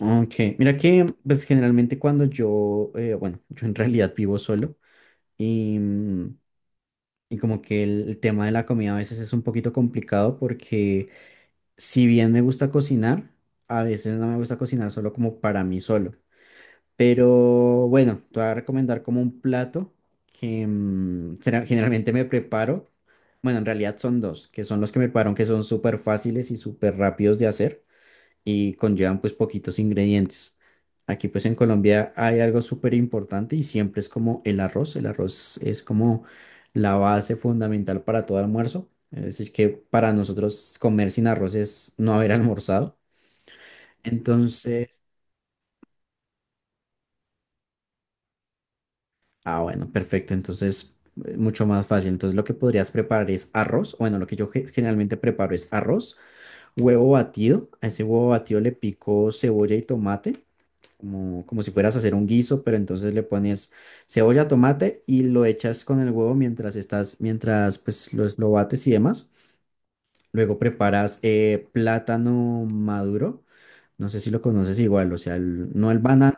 Ok, mira que pues generalmente cuando yo, yo en realidad vivo solo y, y como que el tema de la comida a veces es un poquito complicado porque si bien me gusta cocinar, a veces no me gusta cocinar solo como para mí solo. Pero bueno, te voy a recomendar como un plato que generalmente me preparo. Bueno, en realidad son dos, que son los que me preparo, que son súper fáciles y súper rápidos de hacer y conllevan pues poquitos ingredientes. Aquí pues en Colombia hay algo súper importante y siempre es como el arroz. El arroz es como la base fundamental para todo almuerzo. Es decir, que para nosotros comer sin arroz es no haber almorzado. Entonces, ah, bueno, perfecto. Entonces, mucho más fácil. Entonces, lo que podrías preparar es arroz. Bueno, lo que yo generalmente preparo es arroz, huevo batido. A ese huevo batido le pico cebolla y tomate. Como, como si fueras a hacer un guiso, pero entonces le pones cebolla, tomate y lo echas con el huevo mientras estás, mientras pues lo bates y demás. Luego preparas plátano maduro, no sé si lo conoces igual, o sea, no el banano,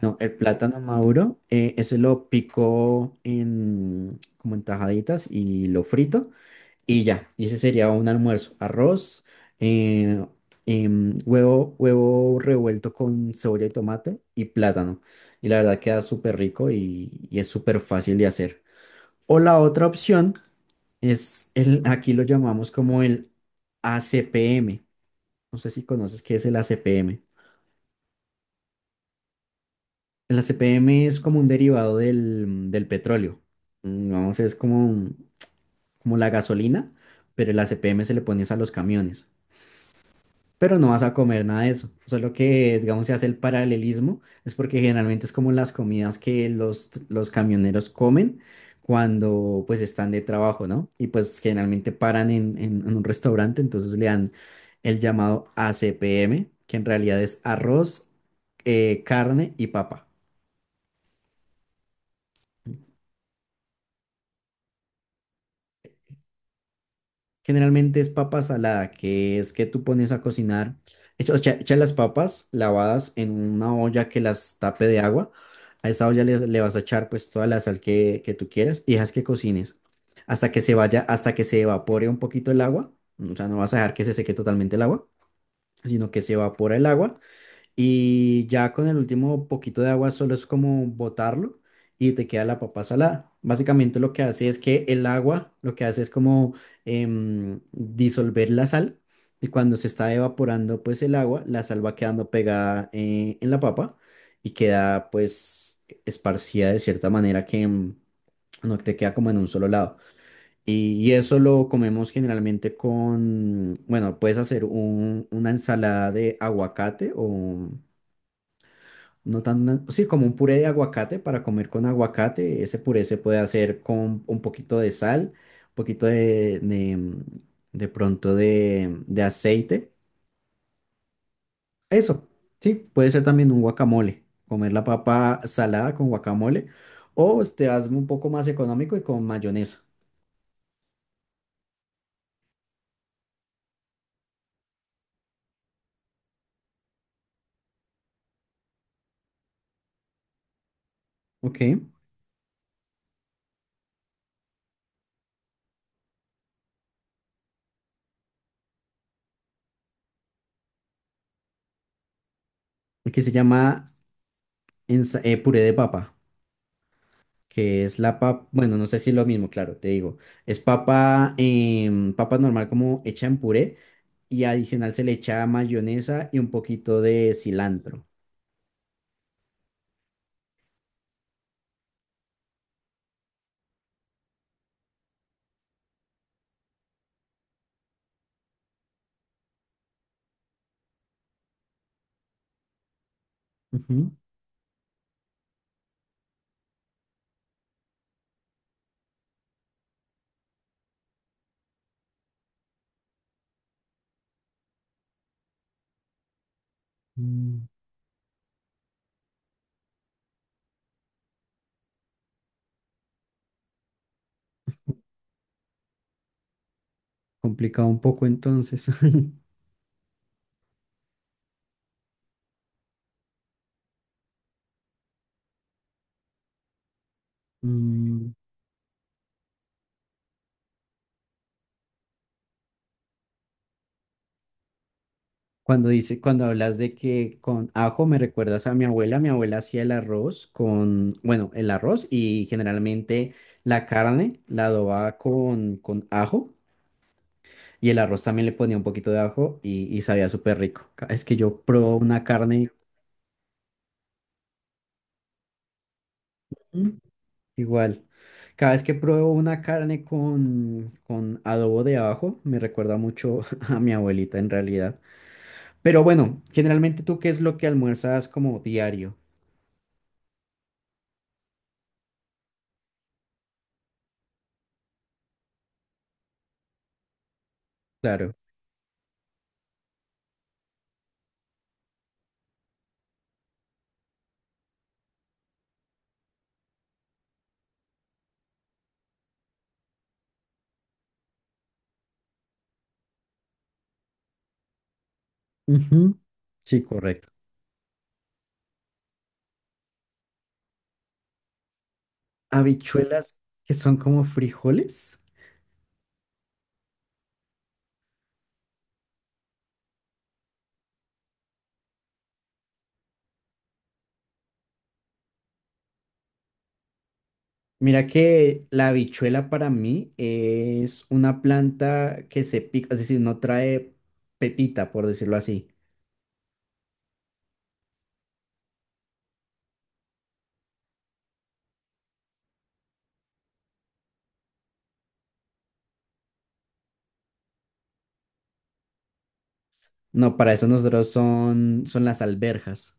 no, el plátano maduro, ese lo pico en, como en tajaditas y lo frito. Y ya, y ese sería un almuerzo. Arroz, eh, huevo, huevo revuelto con cebolla y tomate y plátano. Y la verdad queda súper rico y es súper fácil de hacer. O la otra opción es, el, aquí lo llamamos como el ACPM. No sé si conoces qué es el ACPM. El ACPM es como un derivado del petróleo. Vamos, es como la gasolina, pero el ACPM se le pones a los camiones. Pero no vas a comer nada de eso. Solo que, digamos, se hace el paralelismo, es porque generalmente es como las comidas que los camioneros comen cuando pues están de trabajo, ¿no? Y pues generalmente paran en un restaurante, entonces le dan el llamado ACPM, que en realidad es arroz, carne y papa. Generalmente es papa salada, que es que tú pones a cocinar, echas las papas lavadas en una olla que las tape de agua. A esa olla le vas a echar pues toda la sal que tú quieras y dejas que cocines hasta que se vaya, hasta que se evapore un poquito el agua. O sea, no vas a dejar que se seque totalmente el agua, sino que se evapora el agua y ya con el último poquito de agua solo es como botarlo y te queda la papa salada. Básicamente lo que hace es que el agua lo que hace es como disolver la sal y cuando se está evaporando pues el agua, la sal va quedando pegada en la papa y queda pues esparcida de cierta manera que no te queda como en un solo lado. Y eso lo comemos generalmente con, bueno, puedes hacer una ensalada de aguacate o... No tan, sí, como un puré de aguacate para comer con aguacate. Ese puré se puede hacer con un poquito de sal, un poquito de aceite. Eso, sí, puede ser también un guacamole. Comer la papa salada con guacamole. O te hazme un poco más económico y con mayonesa. Ok. Que se llama puré de papa. Que es la papa. Bueno, no sé si es lo mismo, claro, te digo. Es papa, papa normal como hecha en puré y adicional se le echa mayonesa y un poquito de cilantro. Ujú. Mm, complicado un poco entonces. Mm, cuando dice, cuando hablas de que con ajo me recuerdas a mi abuela hacía el arroz con, bueno, el arroz y generalmente la carne la adobaba con ajo y el arroz también le ponía un poquito de ajo y sabía súper rico. Cada vez que yo probo una carne. Igual. Cada vez que pruebo una carne con adobo de abajo me recuerda mucho a mi abuelita en realidad. Pero bueno, generalmente tú, ¿qué es lo que almuerzas como diario? Claro. Ujú. Sí, correcto. Habichuelas que son como frijoles. Mira que la habichuela para mí es una planta que se pica, es decir, no trae pepita, por decirlo así. No, para eso nosotros son, son las alberjas.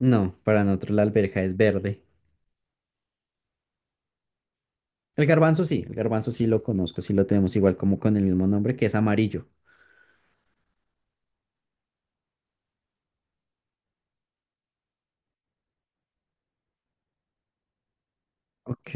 No, para nosotros la alberja es verde. El garbanzo sí lo conozco, sí lo tenemos igual como con el mismo nombre que es amarillo. Ok,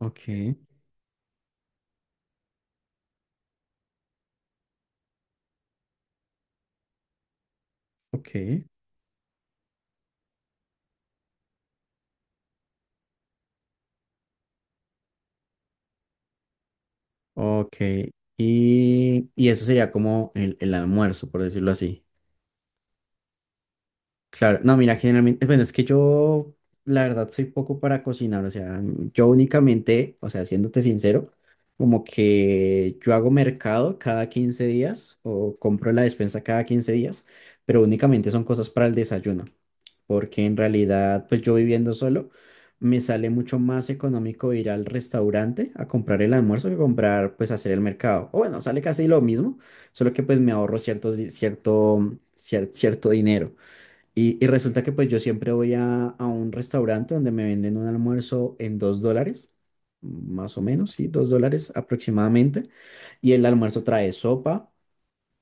ok, ok, ok. Y eso sería como el almuerzo, por decirlo así. Claro, no, mira, generalmente, bueno, es que yo, la verdad, soy poco para cocinar, o sea, yo únicamente, o sea, siéndote sincero, como que yo hago mercado cada 15 días o compro la despensa cada 15 días, pero únicamente son cosas para el desayuno, porque en realidad, pues yo viviendo solo, me sale mucho más económico ir al restaurante a comprar el almuerzo que comprar, pues hacer el mercado. O bueno, sale casi lo mismo, solo que pues me ahorro ciertos, di- cierto, cier- cierto dinero. Y resulta que pues yo siempre voy a un restaurante donde me venden un almuerzo en $2, más o menos, sí, $2 aproximadamente. Y el almuerzo trae sopa.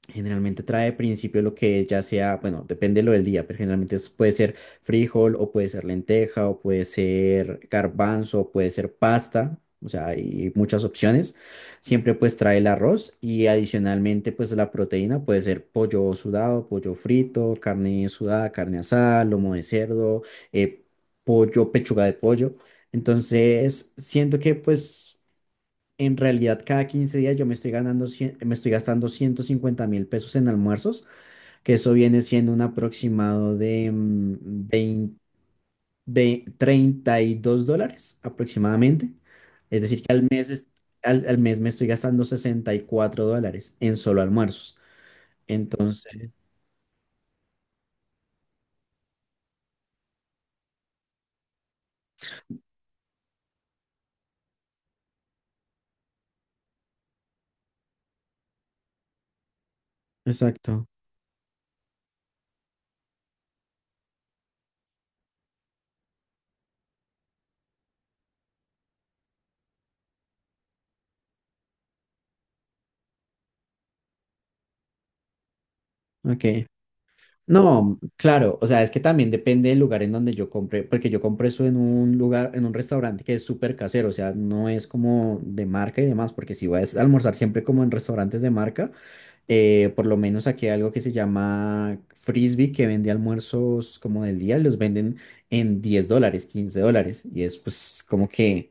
Generalmente trae al principio lo que ya sea, bueno, depende lo del día, pero generalmente puede ser frijol o puede ser lenteja o puede ser garbanzo o puede ser pasta, o sea, hay muchas opciones. Siempre pues trae el arroz y adicionalmente pues la proteína puede ser pollo sudado, pollo frito, carne sudada, carne asada, lomo de cerdo, eh, pollo, pechuga de pollo. Entonces, siento que pues... En realidad, cada 15 días yo me estoy me estoy gastando 150 mil pesos en almuerzos, que eso viene siendo un aproximado de 20 $32 aproximadamente. Es decir, que al mes, al mes me estoy gastando $64 en solo almuerzos. Entonces, exacto. Ok. No, claro, o sea, es que también depende del lugar en donde yo compré, porque yo compré eso en un lugar, en un restaurante que es súper casero, o sea, no es como de marca y demás, porque si vas a almorzar siempre como en restaurantes de marca, por lo menos aquí hay algo que se llama Frisbee, que vende almuerzos como del día, y los venden en $10, $15, y es pues como que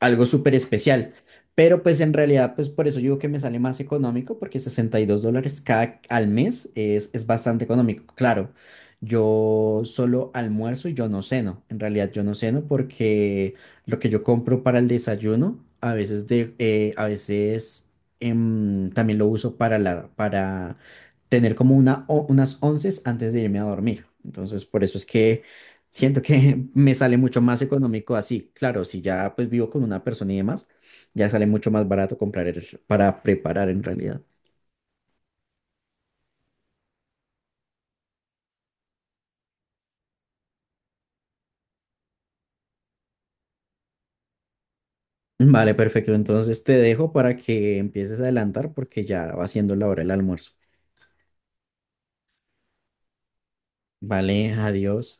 algo súper especial. Pero pues en realidad, pues por eso digo que me sale más económico, porque $62 cada al mes es bastante económico. Claro, yo solo almuerzo y yo no ceno. En realidad yo no ceno porque lo que yo compro para el desayuno, a veces, a veces también lo uso para tener como unas onces antes de irme a dormir. Entonces por eso es que siento que me sale mucho más económico así. Claro, si ya pues vivo con una persona y demás, ya sale mucho más barato comprar para preparar en realidad. Vale, perfecto. Entonces te dejo para que empieces a adelantar porque ya va siendo la hora del almuerzo. Vale, adiós.